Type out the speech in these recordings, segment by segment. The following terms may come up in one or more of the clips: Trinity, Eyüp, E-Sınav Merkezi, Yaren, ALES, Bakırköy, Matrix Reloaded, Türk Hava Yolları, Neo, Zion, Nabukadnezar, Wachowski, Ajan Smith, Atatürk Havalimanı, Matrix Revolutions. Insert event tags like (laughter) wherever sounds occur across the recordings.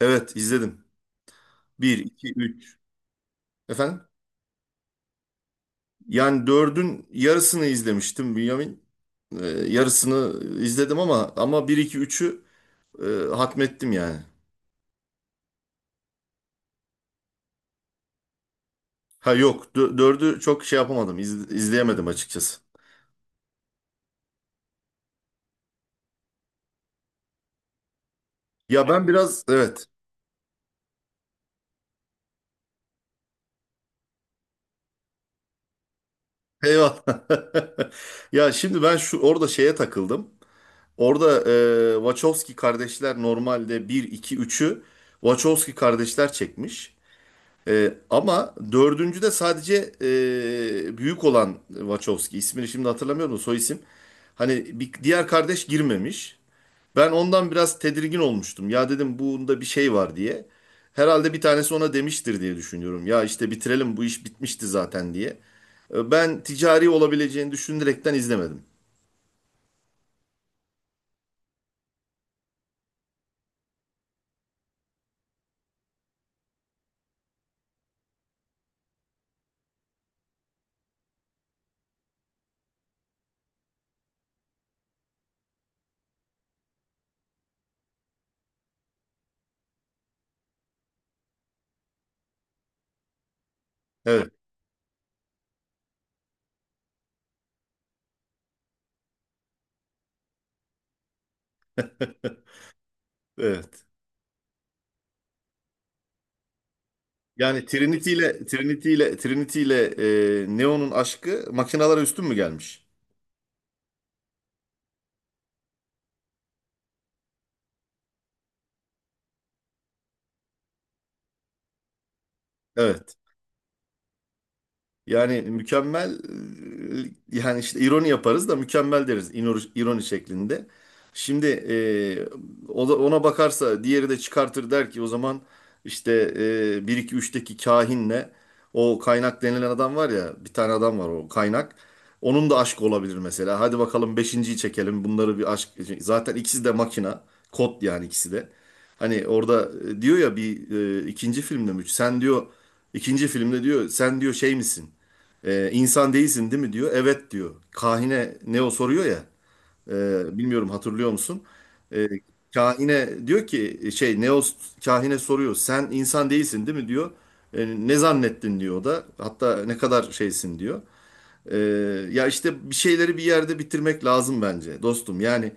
Evet izledim. Bir 2 üç. Efendim? Yani dördün yarısını izlemiştim, Bünyamin. Yarısını izledim ama bir 2 üçü e, hatmettim yani. Ha, yok, dördü çok şey yapamadım, izleyemedim açıkçası. Ya ben biraz, evet, eyvallah. (laughs) Ya şimdi ben şu orada şeye takıldım. Orada Wachowski kardeşler normalde bir 2 üçü Wachowski kardeşler çekmiş. Ama dördüncü de sadece büyük olan Wachowski, ismini şimdi hatırlamıyorum da, soy isim. Hani bir, diğer kardeş girmemiş. Ben ondan biraz tedirgin olmuştum. Ya dedim bunda bir şey var diye. Herhalde bir tanesi ona demiştir diye düşünüyorum. Ya işte bitirelim bu iş bitmişti zaten diye. Ben ticari olabileceğini düşünerekten izlemedim. Evet. (laughs) Evet. Yani Trinity ile Neo'nun aşkı makinalara üstün mü gelmiş? Evet. Yani mükemmel yani işte ironi yaparız da mükemmel deriz, ironi şeklinde. Şimdi o da ona bakarsa diğeri de çıkartır der ki o zaman işte 1 2 3'teki kahinle, o kaynak denilen adam var ya, bir tane adam var, o kaynak. Onun da aşkı olabilir mesela. Hadi bakalım beşinciyi çekelim. Bunları bir aşk, zaten ikisi de makina. Kod yani ikisi de. Hani orada diyor ya bir ikinci filmde mi? Sen diyor, ikinci filmde diyor, sen diyor, şey misin? İnsan değilsin değil mi diyor. Evet diyor. Kahine Neo soruyor ya. Bilmiyorum, hatırlıyor musun? Ee, kahine diyor ki şey, Neo kahine soruyor. Sen insan değilsin değil mi diyor. "E, ne zannettin" diyor o da. "Hatta ne kadar şeysin" diyor. Ee, ya işte bir şeyleri bir yerde bitirmek lazım bence dostum. Yani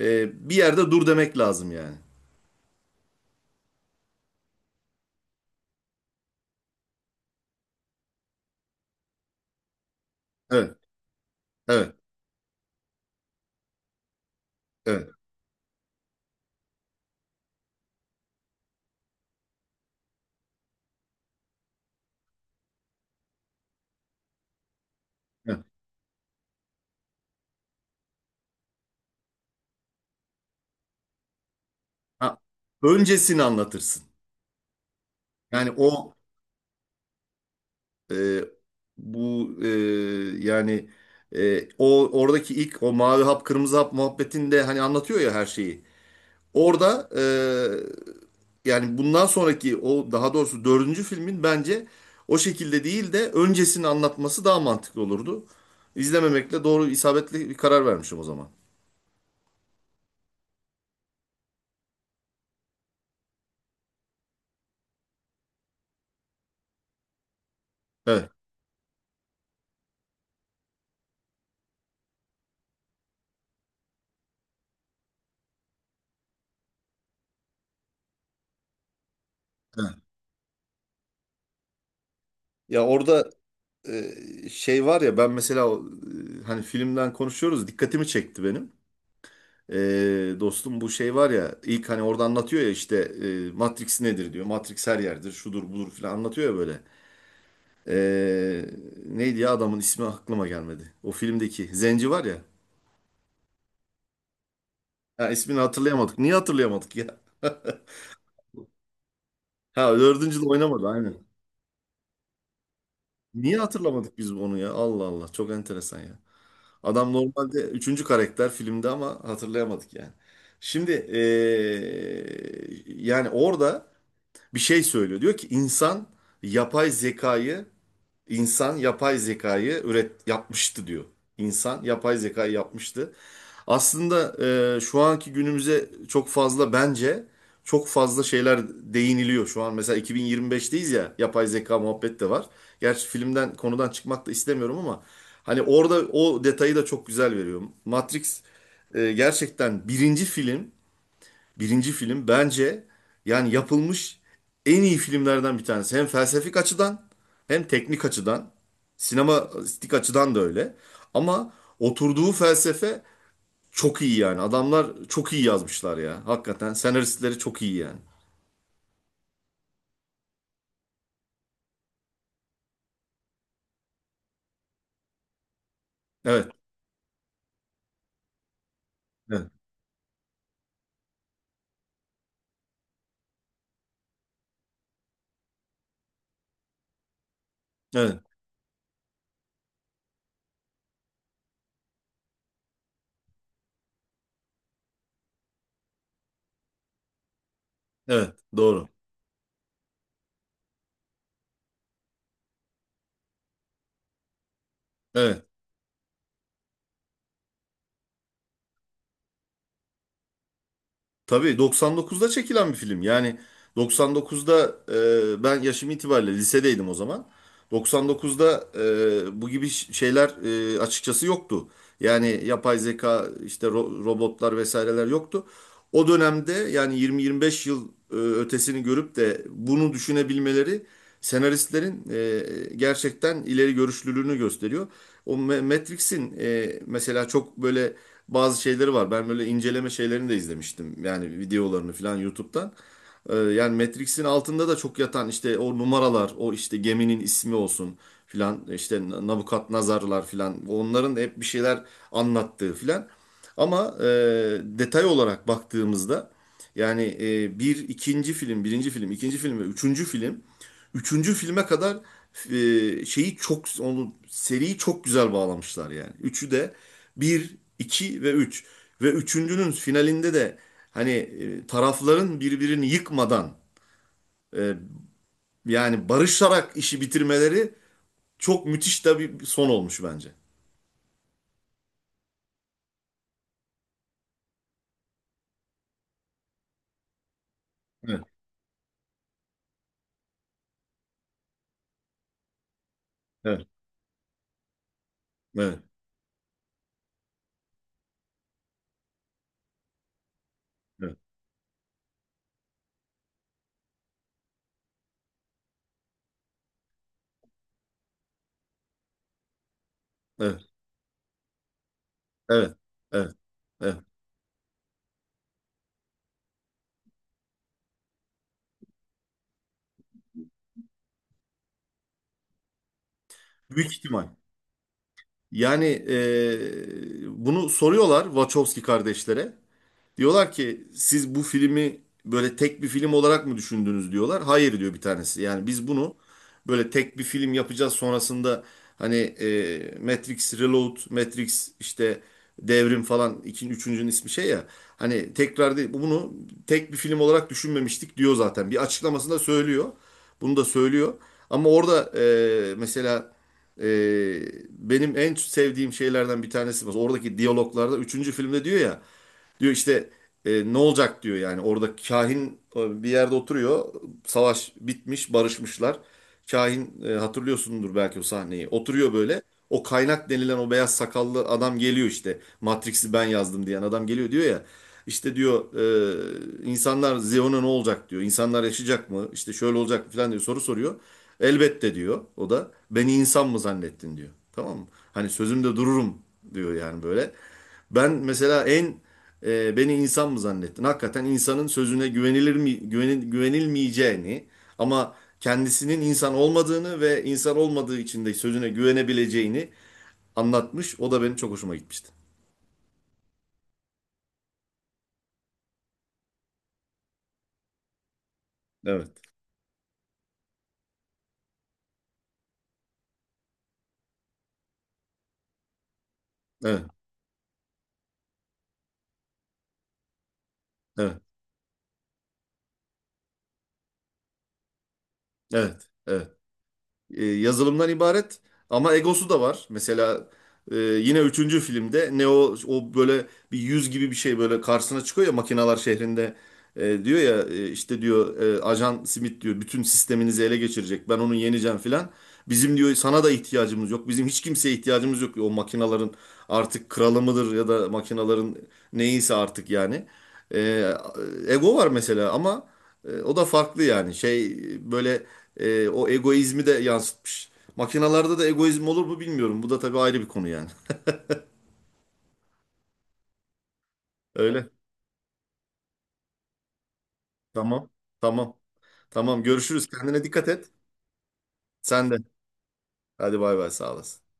bir yerde dur demek lazım yani. Evet, evet, evet, evet. Ha, öncesini anlatırsın. Yani o. E, Bu yani o oradaki ilk o mavi hap kırmızı hap muhabbetinde hani anlatıyor ya her şeyi. Orada yani bundan sonraki o, daha doğrusu dördüncü filmin, bence o şekilde değil de öncesini anlatması daha mantıklı olurdu. İzlememekle doğru, isabetli bir karar vermişim o zaman. Evet. Evet. Ya orada şey var ya, ben mesela o, hani filmden konuşuyoruz, dikkatimi çekti benim. Dostum bu şey var ya, ilk hani orada anlatıyor ya işte Matrix nedir diyor. Matrix her yerdir, şudur budur filan anlatıyor ya böyle. Ee, neydi ya, adamın ismi aklıma gelmedi. O filmdeki Zenci var ya. Ha, ismini hatırlayamadık. Niye hatırlayamadık ya? Ha, dördüncü de oynamadı aynen. Niye hatırlamadık biz onu ya? Allah Allah, çok enteresan ya. Adam normalde üçüncü karakter filmde ama hatırlayamadık yani. Şimdi yani orada bir şey söylüyor. Diyor ki yapay zekayı İnsan yapay zekayı yapmıştı diyor. İnsan yapay zekayı yapmıştı. Aslında şu anki günümüze çok fazla, bence çok fazla şeyler değiniliyor şu an. Mesela 2025'teyiz ya, yapay zeka muhabbet de var. Gerçi filmden, konudan çıkmak da istemiyorum ama hani orada o detayı da çok güzel veriyor. Matrix gerçekten Birinci film bence yani yapılmış en iyi filmlerden bir tanesi. Hem felsefik açıdan, hem teknik açıdan, sinematik açıdan da öyle. Ama oturduğu felsefe çok iyi yani. Adamlar çok iyi yazmışlar ya. Hakikaten senaristleri çok iyi yani. Evet, evet, evet, evet, doğru. Evet. Tabii 99'da çekilen bir film. Yani 99'da, ben yaşım itibariyle lisedeydim o zaman. 99'da bu gibi şeyler açıkçası yoktu. Yani yapay zeka, işte robotlar vesaireler yoktu. O dönemde yani 20-25 yıl ötesini görüp de bunu düşünebilmeleri, senaristlerin gerçekten ileri görüşlülüğünü gösteriyor. O Matrix'in mesela çok böyle bazı şeyleri var. Ben böyle inceleme şeylerini de izlemiştim. Yani videolarını falan YouTube'dan. Yani Matrix'in altında da çok yatan işte o numaralar, o işte geminin ismi olsun filan, işte Nabukadnezarlar filan. Onların hep bir şeyler anlattığı filan. Ama detay olarak baktığımızda yani bir ikinci film, birinci film, ikinci film ve üçüncü film, üçüncü filme kadar şeyi çok, onu, seriyi çok güzel bağlamışlar yani. Üçü de, bir 2 ve üç. Ve üçüncünün finalinde de hani tarafların birbirini yıkmadan e, yani barışarak işi bitirmeleri çok müthiş de bir son olmuş bence. Evet, evet, evet, evet, evet, evet, evet, evet. Büyük ihtimal. Yani bunu soruyorlar Wachowski kardeşlere. Diyorlar ki, siz bu filmi böyle tek bir film olarak mı düşündünüz diyorlar. Hayır diyor bir tanesi. Yani biz bunu böyle tek bir film yapacağız sonrasında hani Matrix Reload, Matrix işte Devrim falan, ikinci üçüncünün ismi şey ya. Hani tekrar değil, bunu tek bir film olarak düşünmemiştik diyor zaten. Bir açıklamasında söylüyor. Bunu da söylüyor. Ama orada mesela e, benim en sevdiğim şeylerden bir tanesi var. Oradaki diyaloglarda üçüncü filmde diyor ya. Diyor işte ne olacak diyor, yani orada kahin bir yerde oturuyor. Savaş bitmiş, barışmışlar. Kahin, hatırlıyorsundur belki o sahneyi. Oturuyor böyle. O kaynak denilen o beyaz sakallı adam geliyor işte. Matrix'i ben yazdım diyen adam geliyor diyor ya. İşte diyor insanlar, Zion'a ne olacak diyor. İnsanlar yaşayacak mı? İşte şöyle olacak mı falan diyor, soru soruyor. Elbette diyor o da. Beni insan mı zannettin diyor. Tamam mı? Hani sözümde dururum diyor yani böyle. Ben mesela en beni insan mı zannettin? Hakikaten insanın sözüne güvenilir mi güvenilmeyeceğini, ama kendisinin insan olmadığını ve insan olmadığı için de sözüne güvenebileceğini anlatmış. O da benim çok hoşuma gitmişti. Evet. Evet. Evet. Evet. Evet. Yazılımdan ibaret ama egosu da var. Mesela yine üçüncü filmde Neo o böyle bir yüz gibi bir şey böyle karşısına çıkıyor ya, makinalar şehrinde. Diyor ya işte diyor Ajan Smith diyor bütün sisteminizi ele geçirecek, ben onu yeneceğim filan. Bizim diyor sana da ihtiyacımız yok. Bizim hiç kimseye ihtiyacımız yok, diyor. O makinaların artık kralı mıdır ya da makinaların, neyse artık yani. E, Ego var mesela ama o da farklı yani. Şey böyle, o egoizmi de yansıtmış. Makinalarda da egoizm olur mu bilmiyorum. Bu da tabii ayrı bir konu yani. Öyle. Tamam. Tamam. Tamam. Görüşürüz. Kendine dikkat et. Sen de. Hadi bay bay. Sağ olasın.